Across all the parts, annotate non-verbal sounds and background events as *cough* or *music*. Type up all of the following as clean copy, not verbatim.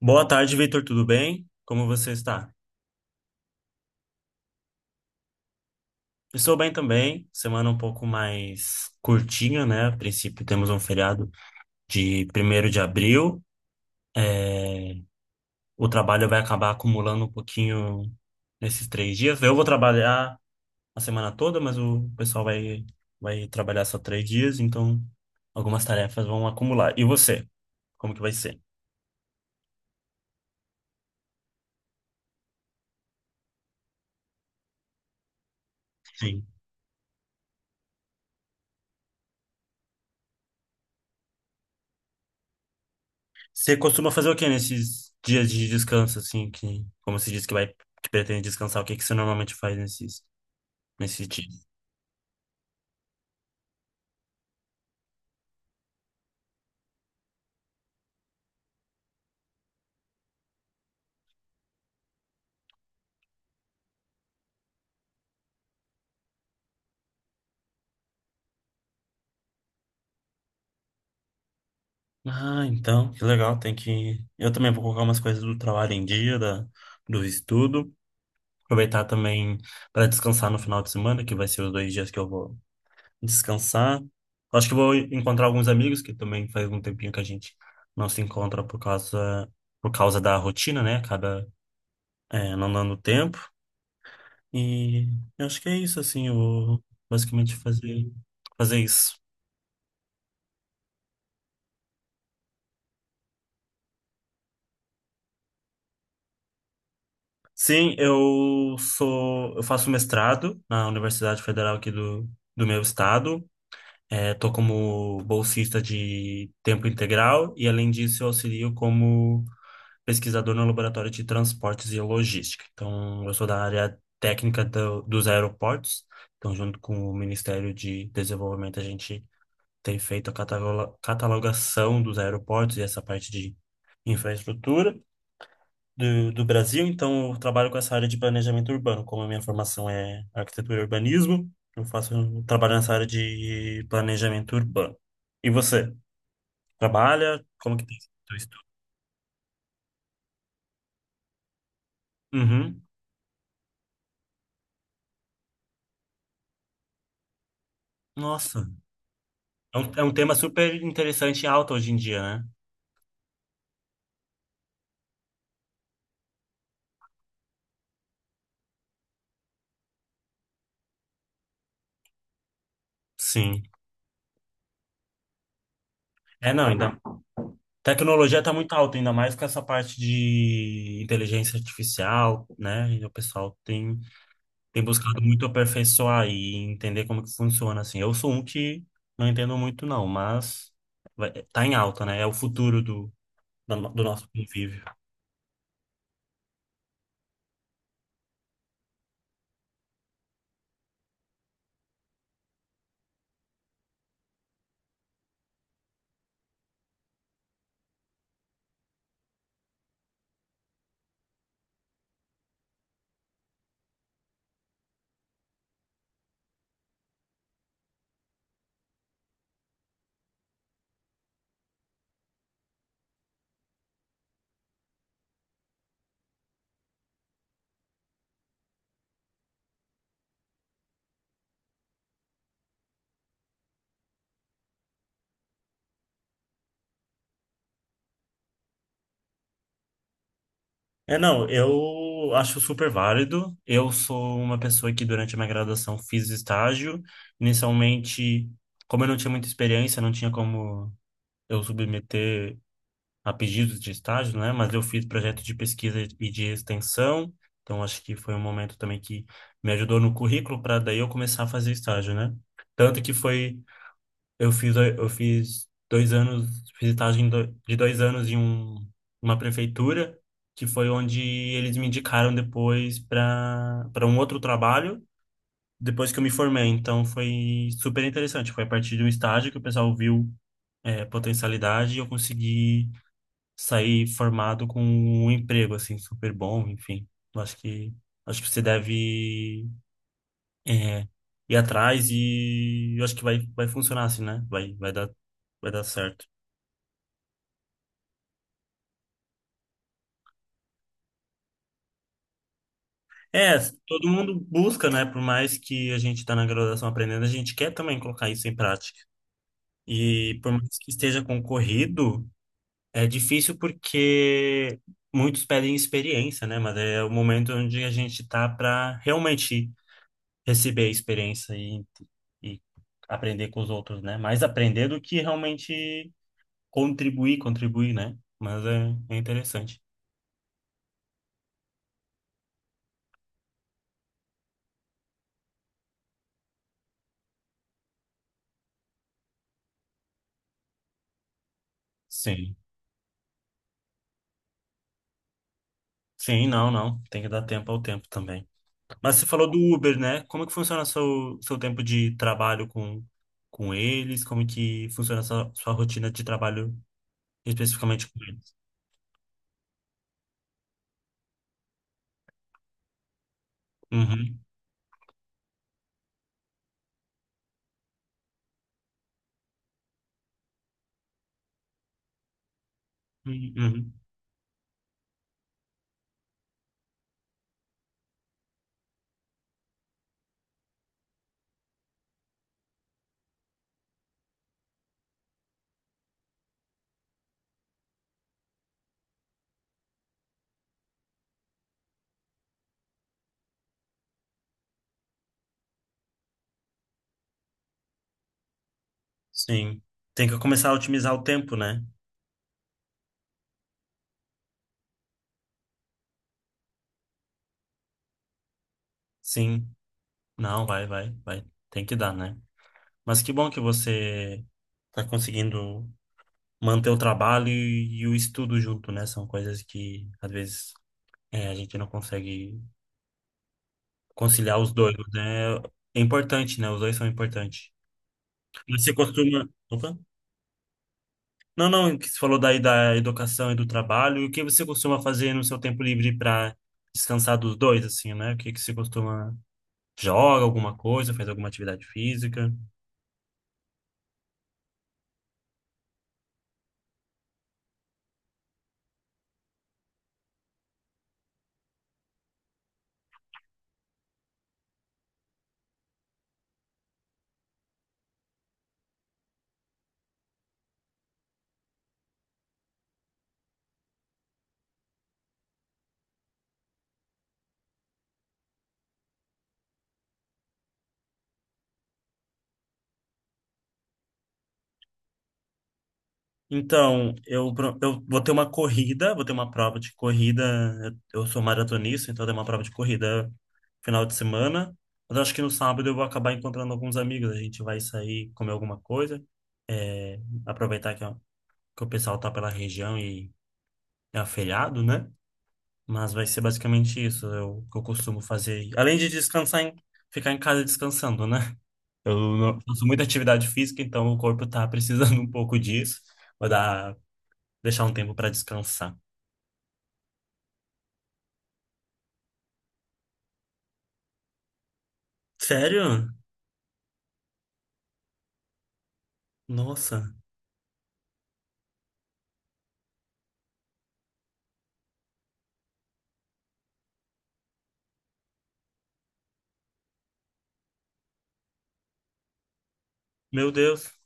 Boa tarde, Vitor. Tudo bem? Como você está? Estou bem também. Semana um pouco mais curtinha, né? A princípio, temos um feriado de 1º de abril. É. O trabalho vai acabar acumulando um pouquinho nesses 3 dias. Eu vou trabalhar a semana toda, mas o pessoal vai trabalhar só 3 dias, então algumas tarefas vão acumular. E você? Como que vai ser? Você costuma fazer o que nesses dias de descanso, assim, como você disse que vai, que pretende descansar, o que que você normalmente faz nesses dias? Ah, então, que legal, tem que... Eu também vou colocar umas coisas do trabalho em dia, do estudo, aproveitar também para descansar no final de semana, que vai ser os 2 dias que eu vou descansar. Acho que vou encontrar alguns amigos, que também faz um tempinho que a gente não se encontra por causa da rotina, né? Acaba, não dando tempo. E eu acho que é isso, assim, eu vou basicamente fazer isso. Sim, eu faço mestrado na Universidade Federal aqui do meu estado. É, tô como bolsista de tempo integral e, além disso, eu auxilio como pesquisador no Laboratório de Transportes e Logística. Então, eu sou da área técnica dos aeroportos. Então, junto com o Ministério de Desenvolvimento, a gente tem feito a catalogação dos aeroportos e essa parte de infraestrutura do Brasil, então eu trabalho com essa área de planejamento urbano, como a minha formação é arquitetura e urbanismo, eu trabalho nessa área de planejamento urbano. E você, trabalha? Como que tem sido o teu estudo? Uhum. Nossa, é um tema super interessante e alto hoje em dia, né? Sim. É, não, ainda. Tecnologia está muito alta, ainda mais com essa parte de inteligência artificial, né? E o pessoal tem buscado muito aperfeiçoar e entender como que funciona, assim. Eu sou um que não entendo muito, não, mas vai, tá em alta, né? É o futuro do, da no- do nosso convívio. É, não, eu acho super válido. Eu sou uma pessoa que durante a minha graduação fiz estágio. Inicialmente, como eu não tinha muita experiência, não tinha como eu submeter a pedidos de estágio, né? Mas eu fiz projeto de pesquisa e de extensão, então acho que foi um momento também que me ajudou no currículo para daí eu começar a fazer estágio, né? Tanto que foi, eu fiz 2 anos, fiz estágio de 2 anos uma prefeitura, que foi onde eles me indicaram depois para um outro trabalho, depois que eu me formei. Então foi super interessante, foi a partir de um estágio que o pessoal viu potencialidade e eu consegui sair formado com um emprego assim super bom, enfim. Eu acho que você deve é, ir atrás e eu acho que vai funcionar assim, né? Vai dar certo. É, todo mundo busca, né? Por mais que a gente está na graduação aprendendo, a gente quer também colocar isso em prática. E por mais que esteja concorrido, é difícil porque muitos pedem experiência, né? Mas é o momento onde a gente está para realmente receber a experiência e aprender com os outros, né? Mais aprender do que realmente contribuir, contribuir, né? Mas é interessante. Sim. Sim, não, não. Tem que dar tempo ao tempo também. Mas você falou do Uber, né? Como que funciona seu tempo de trabalho com eles? Como que funciona sua rotina de trabalho especificamente com eles? Uhum. Uhum. Uhum. Sim. Tem que começar a otimizar o tempo, né? Sim. Não, vai, vai, vai. Tem que dar, né? Mas que bom que você está conseguindo manter o trabalho e o estudo junto, né? São coisas que às vezes a gente não consegue conciliar os dois, né? É importante, né? Os dois são importantes. Você costuma. Opa? Não, não, que você falou daí da educação e do trabalho. E o que você costuma fazer no seu tempo livre para descansar dos dois, assim, né? O que que você costuma. Joga alguma coisa, faz alguma atividade física? Então, eu vou ter uma corrida, vou ter uma prova de corrida. Eu sou maratonista, então tem uma prova de corrida final de semana. Mas acho que no sábado eu vou acabar encontrando alguns amigos. A gente vai sair, comer alguma coisa, é, aproveitar ó, que o pessoal tá pela região e é aferiado, né? Mas vai ser basicamente isso eu, que eu costumo fazer. Além de descansar, ficar em casa descansando, né? Eu não- faço muita atividade física, então o corpo tá precisando *laughs* um pouco disso. Vou dar Deixar um tempo pra descansar. Sério? Nossa. Meu Deus.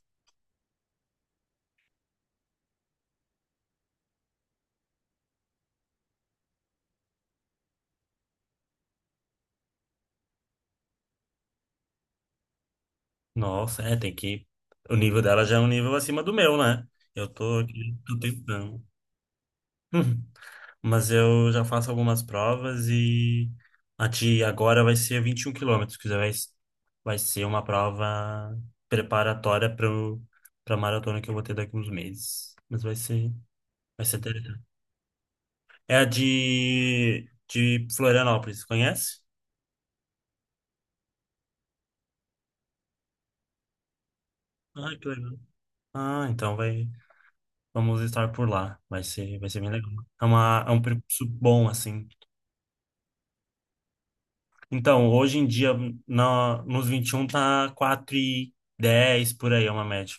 Nossa, tem que. O nível dela já é um nível acima do meu, né? Eu tô aqui, tô tentando. Hum. Mas eu já faço algumas provas e a de agora vai ser 21 quilômetros, que já vai ser uma prova preparatória para maratona que eu vou ter daqui uns meses. Mas vai ser interessante. É a de Florianópolis, conhece? Ah, que legal. Ah, então vai. Vamos estar por lá. Vai ser bem legal. É um percurso bom, assim. Então, hoje em dia, nos 21 tá 4 e 10 por aí, é uma média.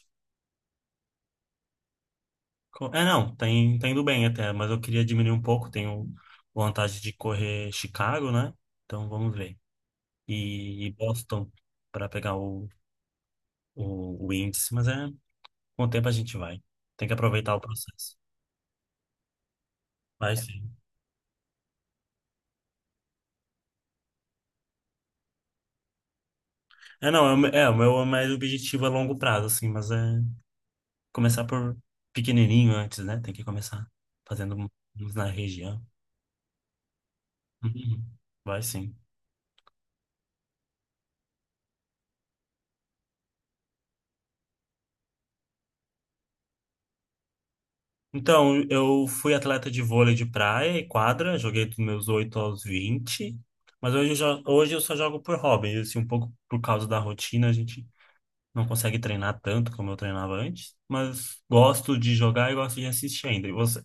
É, não, tá indo bem até, mas eu queria diminuir um pouco. Tenho vontade de correr Chicago, né? Então, vamos ver. E Boston para pegar o índice, mas com o tempo a gente vai. Tem que aproveitar o processo. Vai sim. É, não, o meu é mais objetivo a longo prazo, assim, mas é começar por pequenininho antes, né? Tem que começar fazendo uns na região. Uhum. Vai sim. Então, eu fui atleta de vôlei de praia e quadra, joguei dos meus 8 aos 20, mas hoje eu só jogo por hobby, assim, um pouco por causa da rotina, a gente não consegue treinar tanto como eu treinava antes, mas gosto de jogar e gosto de assistir ainda. E você?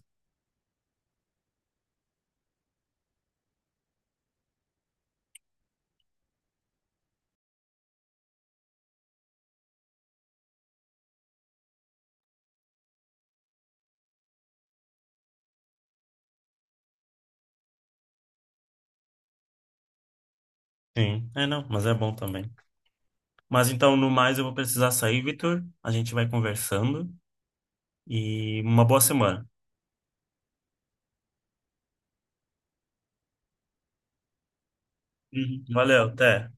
Sim, é não, mas é bom também. Mas então, no mais, eu vou precisar sair, Vitor. A gente vai conversando e uma boa semana. Uhum. Valeu, até.